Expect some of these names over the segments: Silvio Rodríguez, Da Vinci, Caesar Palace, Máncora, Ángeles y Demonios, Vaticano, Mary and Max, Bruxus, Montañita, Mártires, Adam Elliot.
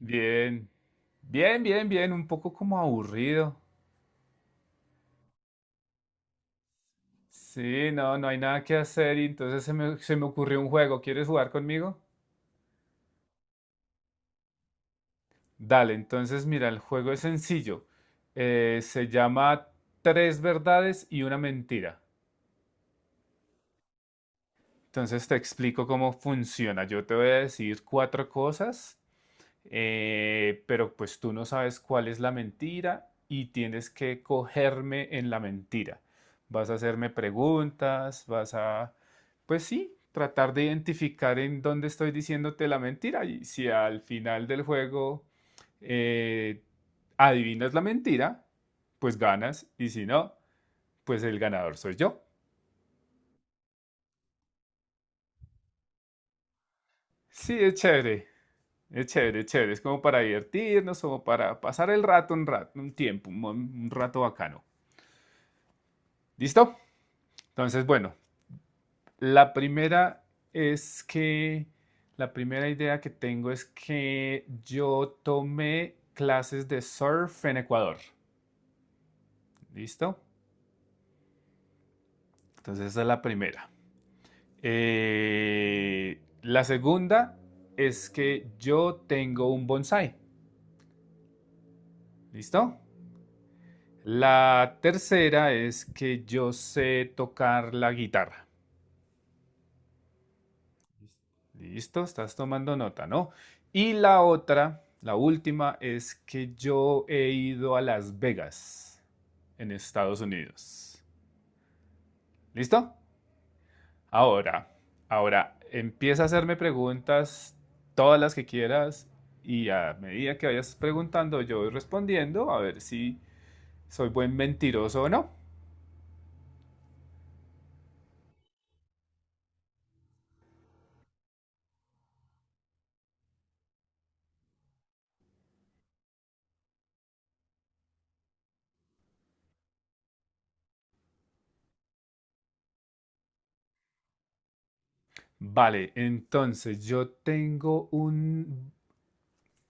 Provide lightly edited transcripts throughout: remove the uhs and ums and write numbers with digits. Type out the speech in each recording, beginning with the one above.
Bien, bien, bien, bien, un poco como aburrido. Sí, no, no hay nada que hacer y entonces se me ocurrió un juego. ¿Quieres jugar conmigo? Dale, entonces mira, el juego es sencillo. Se llama Tres verdades y una mentira. Entonces te explico cómo funciona. Yo te voy a decir cuatro cosas, pero pues tú no sabes cuál es la mentira y tienes que cogerme en la mentira. Vas a hacerme preguntas, vas a, pues sí, tratar de identificar en dónde estoy diciéndote la mentira, y si al final del juego, eh, adivinas la mentira, pues ganas, y si no, pues el ganador soy yo. Sí, es chévere, es chévere, es chévere, es como para divertirnos, como para pasar el rato, un rato, un tiempo, un rato bacano. ¿Listo? Entonces, bueno, la primera es que, la primera idea que tengo es que yo tomé clases de surf en Ecuador. ¿Listo? Entonces, esa es la primera. La segunda es que yo tengo un bonsai. ¿Listo? La tercera es que yo sé tocar la guitarra. Listo, estás tomando nota, ¿no? Y la otra, la última, es que yo he ido a Las Vegas, en Estados Unidos. ¿Listo? Ahora, ahora, empieza a hacerme preguntas, todas las que quieras, y a medida que vayas preguntando, yo voy respondiendo, a ver si soy buen mentiroso o no. Vale, entonces yo tengo un.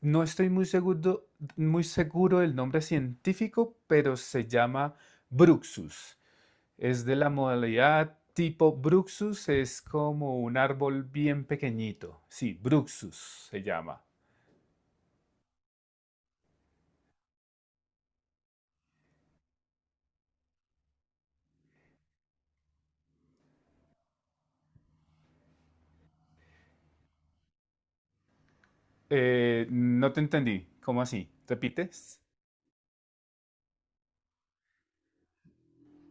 No estoy muy seguro del nombre científico, pero se llama Bruxus. Es de la modalidad tipo Bruxus, es como un árbol bien pequeñito. Sí, Bruxus se llama. No te entendí. ¿Cómo así? ¿Repites?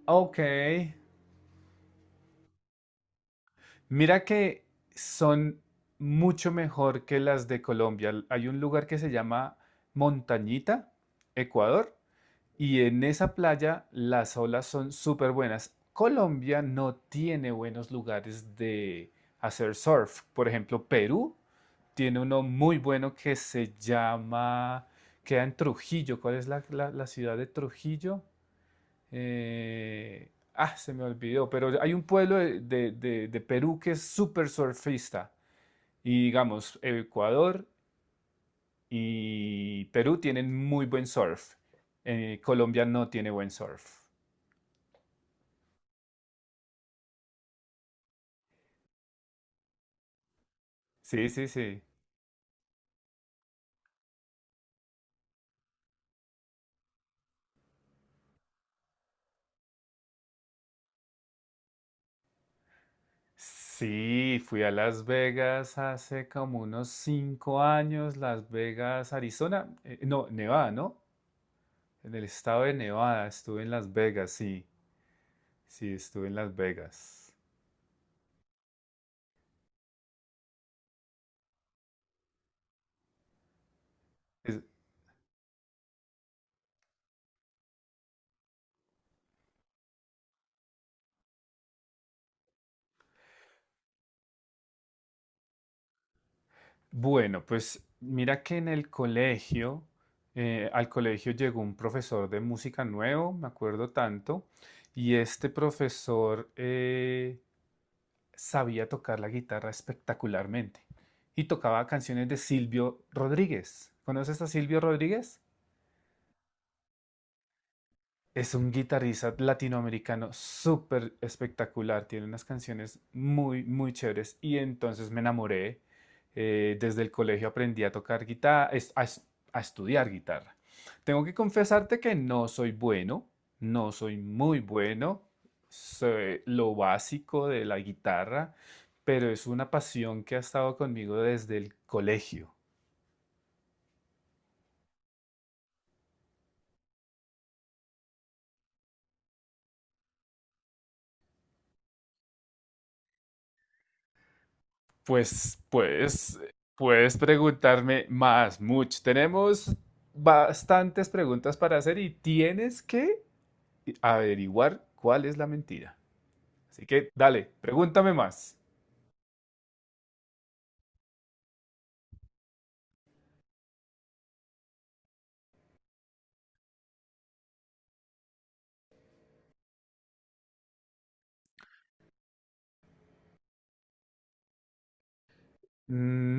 Ok. Mira que son mucho mejor que las de Colombia. Hay un lugar que se llama Montañita, Ecuador. Y en esa playa las olas son súper buenas. Colombia no tiene buenos lugares de hacer surf. Por ejemplo, Perú tiene uno muy bueno que se llama, queda en Trujillo. ¿Cuál es la ciudad de Trujillo? Se me olvidó, pero hay un pueblo de Perú que es súper surfista. Y digamos, Ecuador y Perú tienen muy buen surf. Colombia no tiene buen surf. Sí, sí, sí. Sí, fui a Las Vegas hace como unos 5 años, Las Vegas, Arizona, no, Nevada, ¿no? En el estado de Nevada estuve en Las Vegas, sí, sí, estuve en Las Vegas. Es- bueno, pues mira que en el colegio, al colegio llegó un profesor de música nuevo, me acuerdo tanto, y este profesor, sabía tocar la guitarra espectacularmente y tocaba canciones de Silvio Rodríguez. ¿Conoces a Silvio Rodríguez? Es un guitarrista latinoamericano súper espectacular, tiene unas canciones muy, muy chéveres y entonces me enamoré. Desde el colegio aprendí a tocar guitarra, a, a estudiar guitarra. Tengo que confesarte que no soy bueno, no soy muy bueno, sé lo básico de la guitarra, pero es una pasión que ha estado conmigo desde el colegio. Pues puedes, preguntarme más, mucho. Tenemos bastantes preguntas para hacer y tienes que averiguar cuál es la mentira. Así que dale, pregúntame más.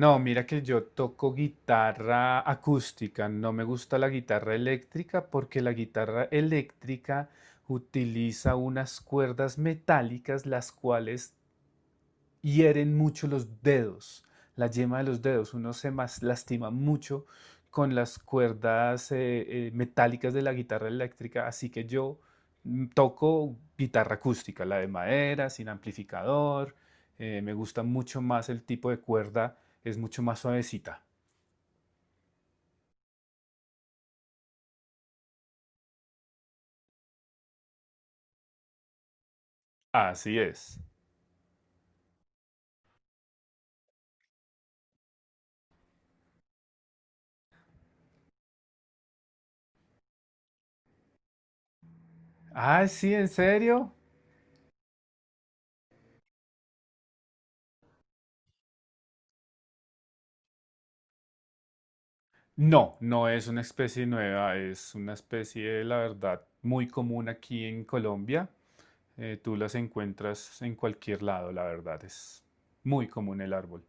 No, mira que yo toco guitarra acústica, no me gusta la guitarra eléctrica porque la guitarra eléctrica utiliza unas cuerdas metálicas las cuales hieren mucho los dedos, la yema de los dedos. Uno se lastima mucho con las cuerdas metálicas de la guitarra eléctrica, así que yo toco guitarra acústica, la de madera, sin amplificador. Me gusta mucho más el tipo de cuerda, es mucho más suavecita. Así es. Ah, sí, ¿en serio? No, no es una especie nueva, es una especie, la verdad, muy común aquí en Colombia. Tú las encuentras en cualquier lado, la verdad. Es muy común el árbol.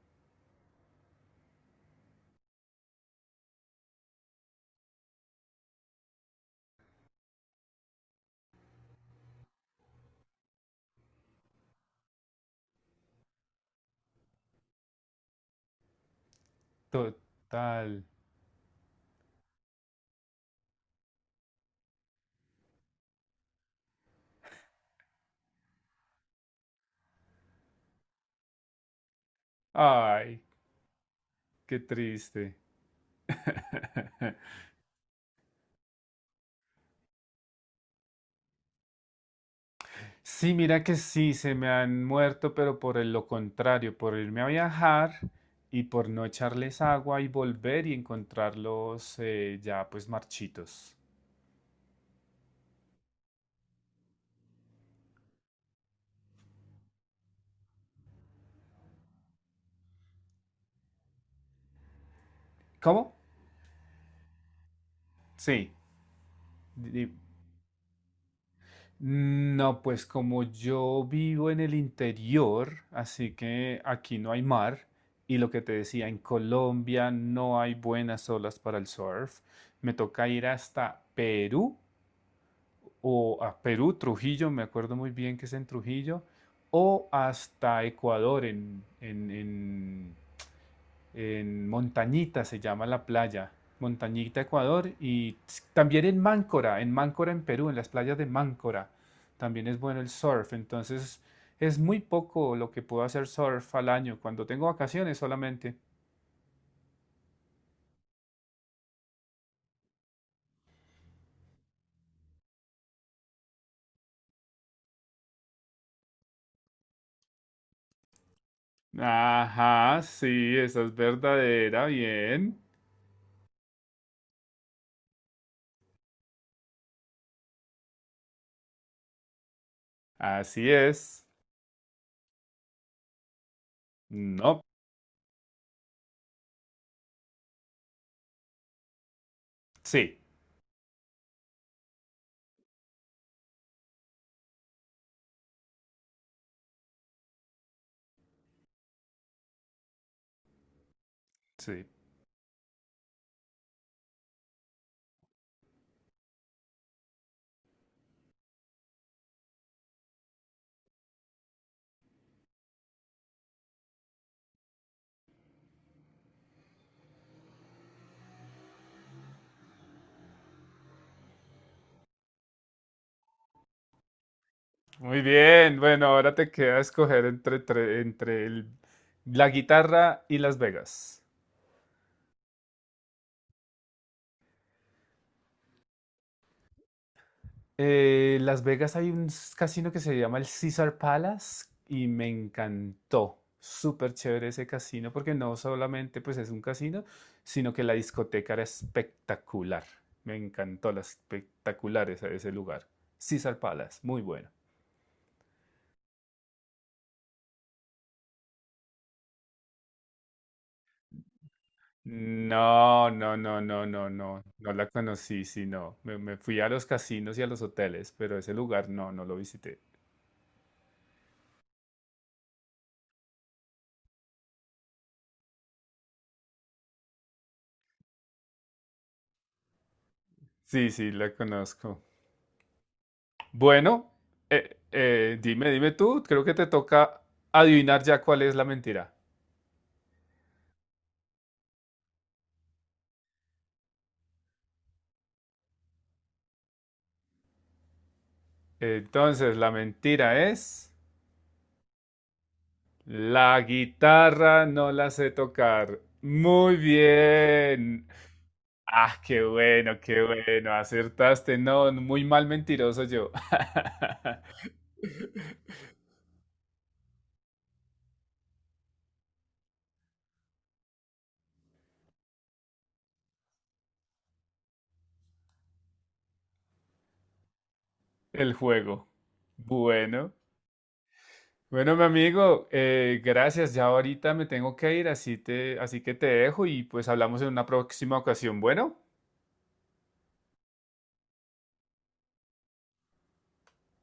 Total. Ay, qué triste. Sí, mira que sí, se me han muerto, pero por lo contrario, por irme a viajar y por no echarles agua y volver y encontrarlos, ya pues marchitos. ¿Cómo? Sí, di- no, pues como yo vivo en el interior, así que aquí no hay mar y lo que te decía, en Colombia no hay buenas olas para el surf. Me toca ir hasta Perú o a Perú, Trujillo, me acuerdo muy bien que es en Trujillo, o hasta Ecuador en, en Montañita se llama la playa, Montañita, Ecuador, y también en Máncora, en Máncora, en Perú, en las playas de Máncora, también es bueno el surf, entonces es muy poco lo que puedo hacer surf al año, cuando tengo vacaciones solamente. Ajá, sí, esa es verdadera, bien. Así es. No, sí, sí. Muy bien, bueno, ahora te queda escoger entre, entre la guitarra y Las Vegas. Las Vegas hay un casino que se llama el Caesar Palace y me encantó. Súper chévere ese casino porque no solamente pues es un casino, sino que la discoteca era espectacular. Me encantó la espectacular ese lugar. Caesar Palace, muy bueno. No, no, no, no, no, no, no la conocí, sino me, me fui a los casinos y a los hoteles, pero ese lugar no, no lo visité. Sí, sí, la conozco. Bueno, dime, tú, creo que te toca adivinar ya cuál es la mentira. Entonces, la mentira es, la guitarra no la sé tocar. Muy bien. Ah, qué bueno, acertaste. No, muy mal mentiroso yo. El juego. Bueno, bueno, mi amigo, gracias. Ya ahorita me tengo que ir, así que te dejo y pues hablamos en una próxima ocasión. Bueno.